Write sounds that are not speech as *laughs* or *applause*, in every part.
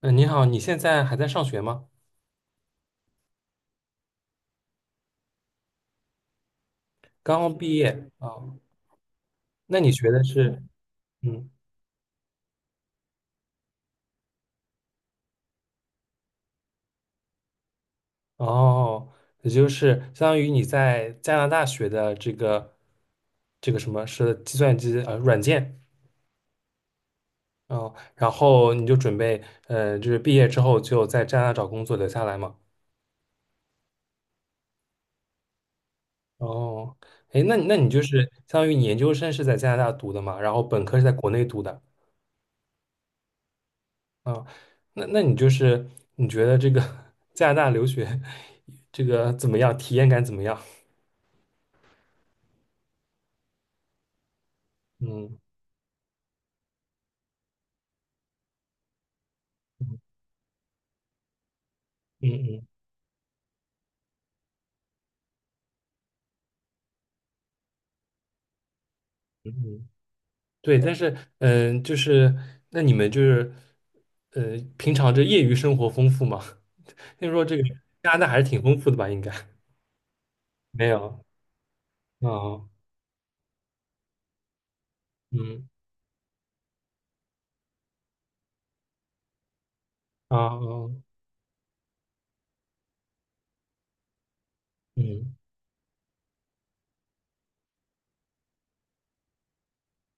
嗯，你好，你现在还在上学吗？刚刚毕业啊？那你学的是，嗯，哦，也就是相当于你在加拿大学的这个什么是计算机软件。哦，然后你就准备就是毕业之后就在加拿大找工作留下来嘛？哦，哎，那你就是相当于你研究生是在加拿大读的嘛，然后本科是在国内读的。啊，那你就是你觉得这个 *laughs* 加拿大留学这个怎么样？体验感怎么样？嗯嗯嗯嗯，嗯，对，但是嗯，就是那你们就是平常这业余生活丰富吗？*laughs* 听说这个加拿大还是挺丰富的吧？应该 *laughs* 没有啊。嗯啊哦嗯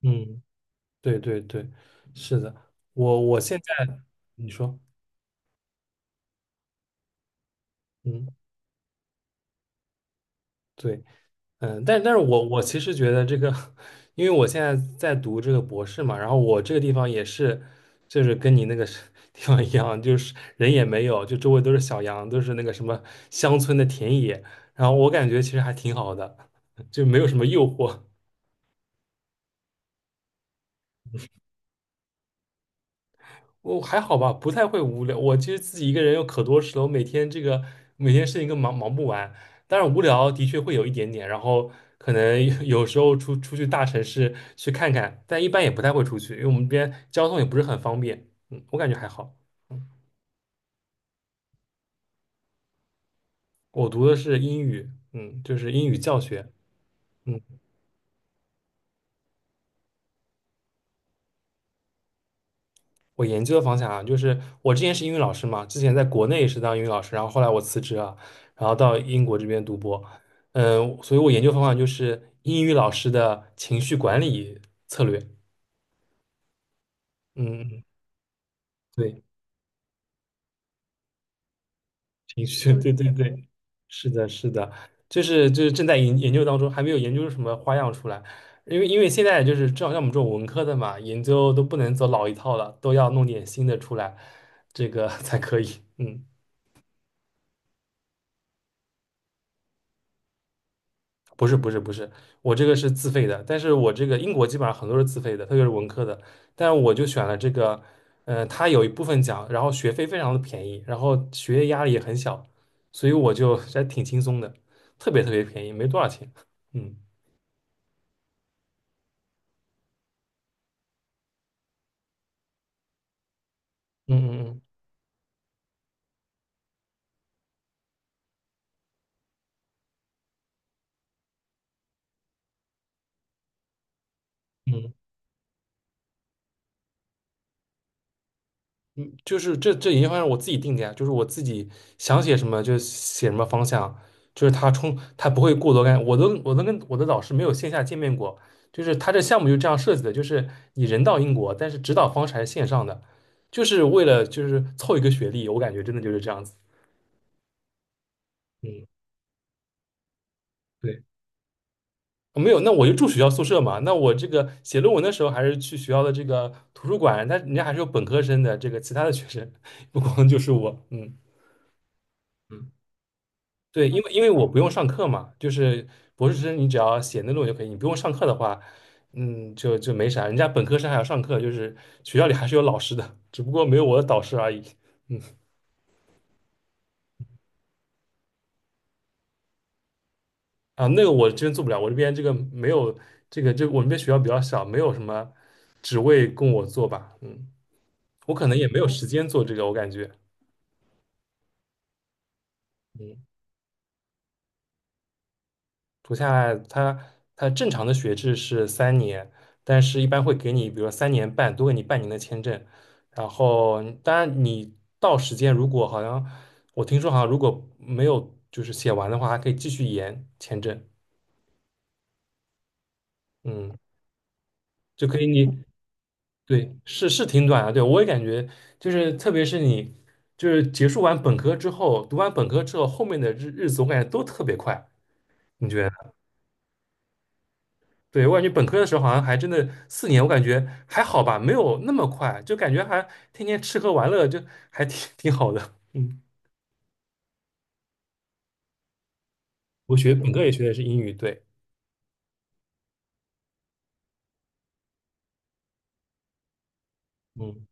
嗯，对对对，是的，我现在你说嗯。对。嗯，但是我其实觉得这个，*laughs* 因为我现在在读这个博士嘛，然后我这个地方也是，就是跟你那个是 *laughs* 地方一样，就是人也没有，就周围都是小羊，都是那个什么乡村的田野，然后我感觉其实还挺好的，*laughs* 就没有什么诱惑。我还好吧，不太会无聊。我其实自己一个人有可多事了，我每天这个每天事情都忙不完。但是无聊的确会有一点点，然后可能 *laughs* 有时候出去大城市去看看，但一般也不太会出去，因为我们这边交通也不是很方便。嗯，我感觉还好。嗯，我读的是英语，嗯，就是英语教学。嗯。我研究的方向啊，就是我之前是英语老师嘛，之前在国内是当英语老师，然后后来我辞职了，然后到英国这边读博，嗯，所以我研究方向就是英语老师的情绪管理策略。嗯，对，情绪，*laughs* 对对对，是的，是的，就是正在研究当中，还没有研究出什么花样出来，因为现在就是正好像我们这种文科的嘛，研究都不能走老一套了，都要弄点新的出来，这个 *laughs* 才可以。嗯。不是不是不是，我这个是自费的，但是我这个英国基本上很多是自费的，特别是文科的，但我就选了这个，它有一部分奖，然后学费非常的便宜，然后学业压力也很小，所以我就 *laughs* 还挺轻松的，特别特别便宜，没多少钱。嗯嗯嗯嗯嗯。就是这研究方向我自己定的呀，就是我自己想写什么就写什么方向，就是他不会过多干，我都跟我的老师没有线下见面过，就是他这项目就这样设计的，就是你人到英国，但是指导方式还是线上的，就是为了就是凑一个学历，我感觉真的就是这样子。嗯，对，哦没有，那我就住学校宿舍嘛，那我这个写论文的时候还是去学校的这个图书馆，但人家还是有本科生的这个其他的学生，*laughs* 不光就是我。嗯。嗯，对，因为我不用上课嘛，就是博士生你只要写那论文就可以，你不用上课的话，嗯，就没啥。人家本科生还要上课，就是学校里还是有老师的，只不过没有我的导师而已。嗯。啊，那个我真做不了，我这边这个没有这个，就我们这边学校比较小，没有什么职位供我做吧。嗯，我可能也没有时间做这个，我感觉。嗯。读下来，它正常的学制是三年，但是一般会给你，比如说3年半，多给你半年的签证。然后当然你到时间如果好像我听说好像如果没有就是写完的话，还可以继续延签证，嗯，就可以你对是挺短啊。对，我也感觉就是特别是你就是结束完本科之后，读完本科之后，后面的日子我感觉都特别快，你觉得？对，我感觉本科的时候好像还真的四年，我感觉还好吧，没有那么快，就感觉还天天吃喝玩乐，就还挺 *laughs* 挺好的。嗯。我学本科也学的是英语，对。嗯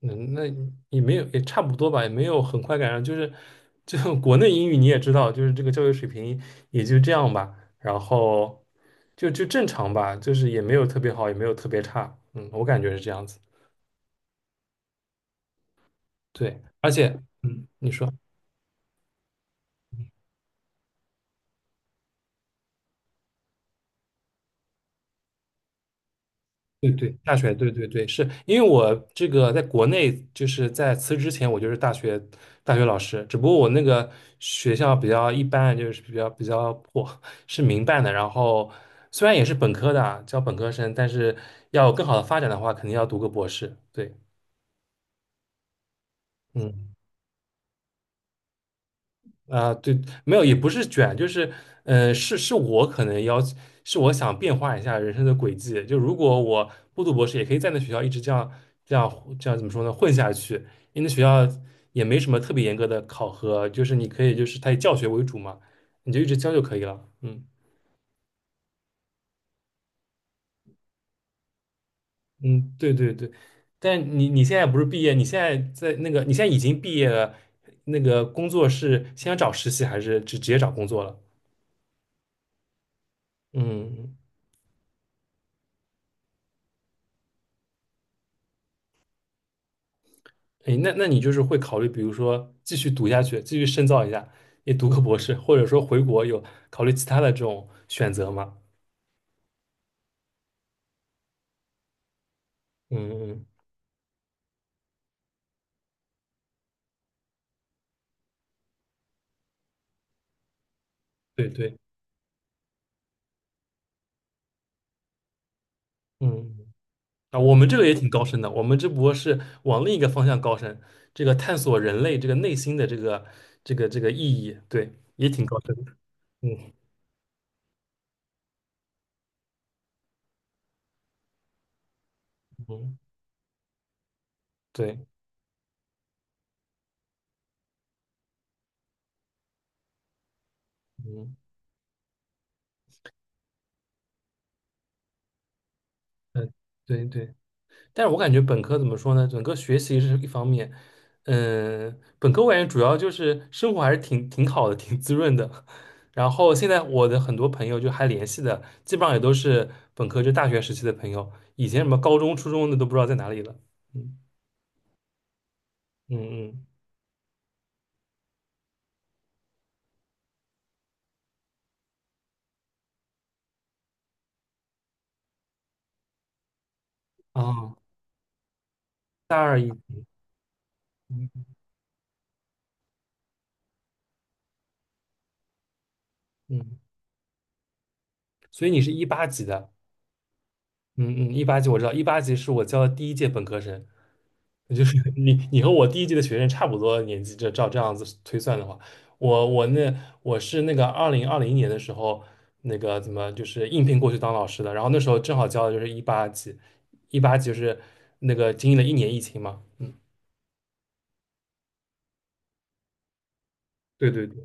嗯，那也没有也差不多吧，也没有很快赶上，就 *laughs* 国内英语你也知道，就是这个教育水平也就这样吧，然后就正常吧，就是也没有特别好，也没有特别差，嗯，我感觉是这样子。对，而且嗯，你说。对对，大学，对对对，是因为我这个在国内，就是在辞职之前，我就是大学老师，只不过我那个学校比较一般，就是比较破，是民办的。然后虽然也是本科的啊，教本科生，但是要有更好的发展的话，肯定要读个博士。对。嗯，啊，对，没有，也不是卷，就是，是我可能要，是我想变化一下人生的轨迹。就如果我不读博士，也可以在那学校一直这样怎么说呢，混下去。因为那学校也没什么特别严格的考核，就是你可以就是它以教学为主嘛，你就一直教就可以了。嗯。嗯，对对对。但你现在不是毕业，你现在已经毕业了，那个工作是先找实习还是直接找工作了？嗯，哎，那你就是会考虑，比如说继续读下去，继续深造一下，也读个博士，或者说回国有考虑其他的这种选择吗？嗯嗯，对对。嗯，啊，我们这个也挺高深的，我们只不过是往另一个方向高深，这个探索人类这个内心的这个意义，对，也挺高深的。嗯嗯，对，嗯嗯，对对。但是我感觉本科怎么说呢？整个学习是一方面，嗯，本科我感觉主要就是生活还是挺挺好的，挺滋润的。然后现在我的很多朋友就还联系的，基本上也都是本科就大学时期的朋友，以前什么高中、初中的都不知道在哪里了。嗯嗯嗯，啊，大二一，嗯嗯，嗯，所以你是一八级的。嗯嗯，一八级我知道，一八级是我教的第一届本科生，就是 *laughs* 你和我第一届的学生差不多年纪，这样子推算的话，我我那我是那个2020年的时候，那个怎么就是应聘过去当老师的，然后那时候正好教的就是一八级，一八级就是那个经历了一年疫情嘛，嗯，对对对，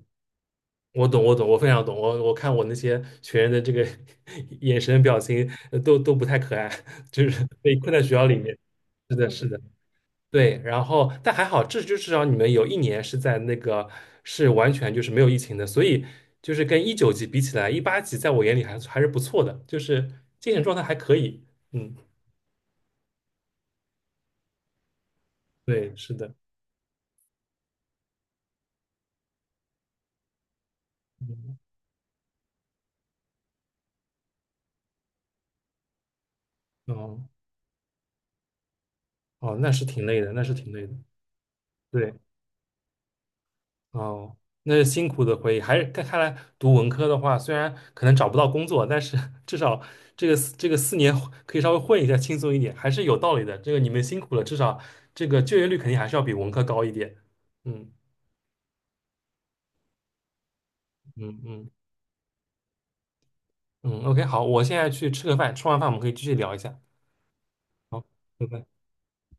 我懂我懂，我非常懂，我看我那些学员的这个 *laughs* 眼神表情都不太可爱，*laughs* 就是被困在学校里面，是的是的。对，然后但还好，至少你们有一年是在那个是完全就是没有疫情的，所以就是跟19级比起来，一八级在我眼里还是不错的，就是精神状态还可以。嗯，对，是的，嗯，哦，哦，那是挺累的，那是挺累的。对。哦，那是辛苦的回忆。还是看来读文科的话，虽然可能找不到工作，但是 *laughs* 至少这个四年可以稍微混一下，轻松一点，还是有道理的。这个你们辛苦了，至少这个就业率肯定还是要比文科高一点。嗯嗯嗯嗯，OK，好，我现在去吃个饭，吃完饭我们可以继续聊一下。好，拜拜。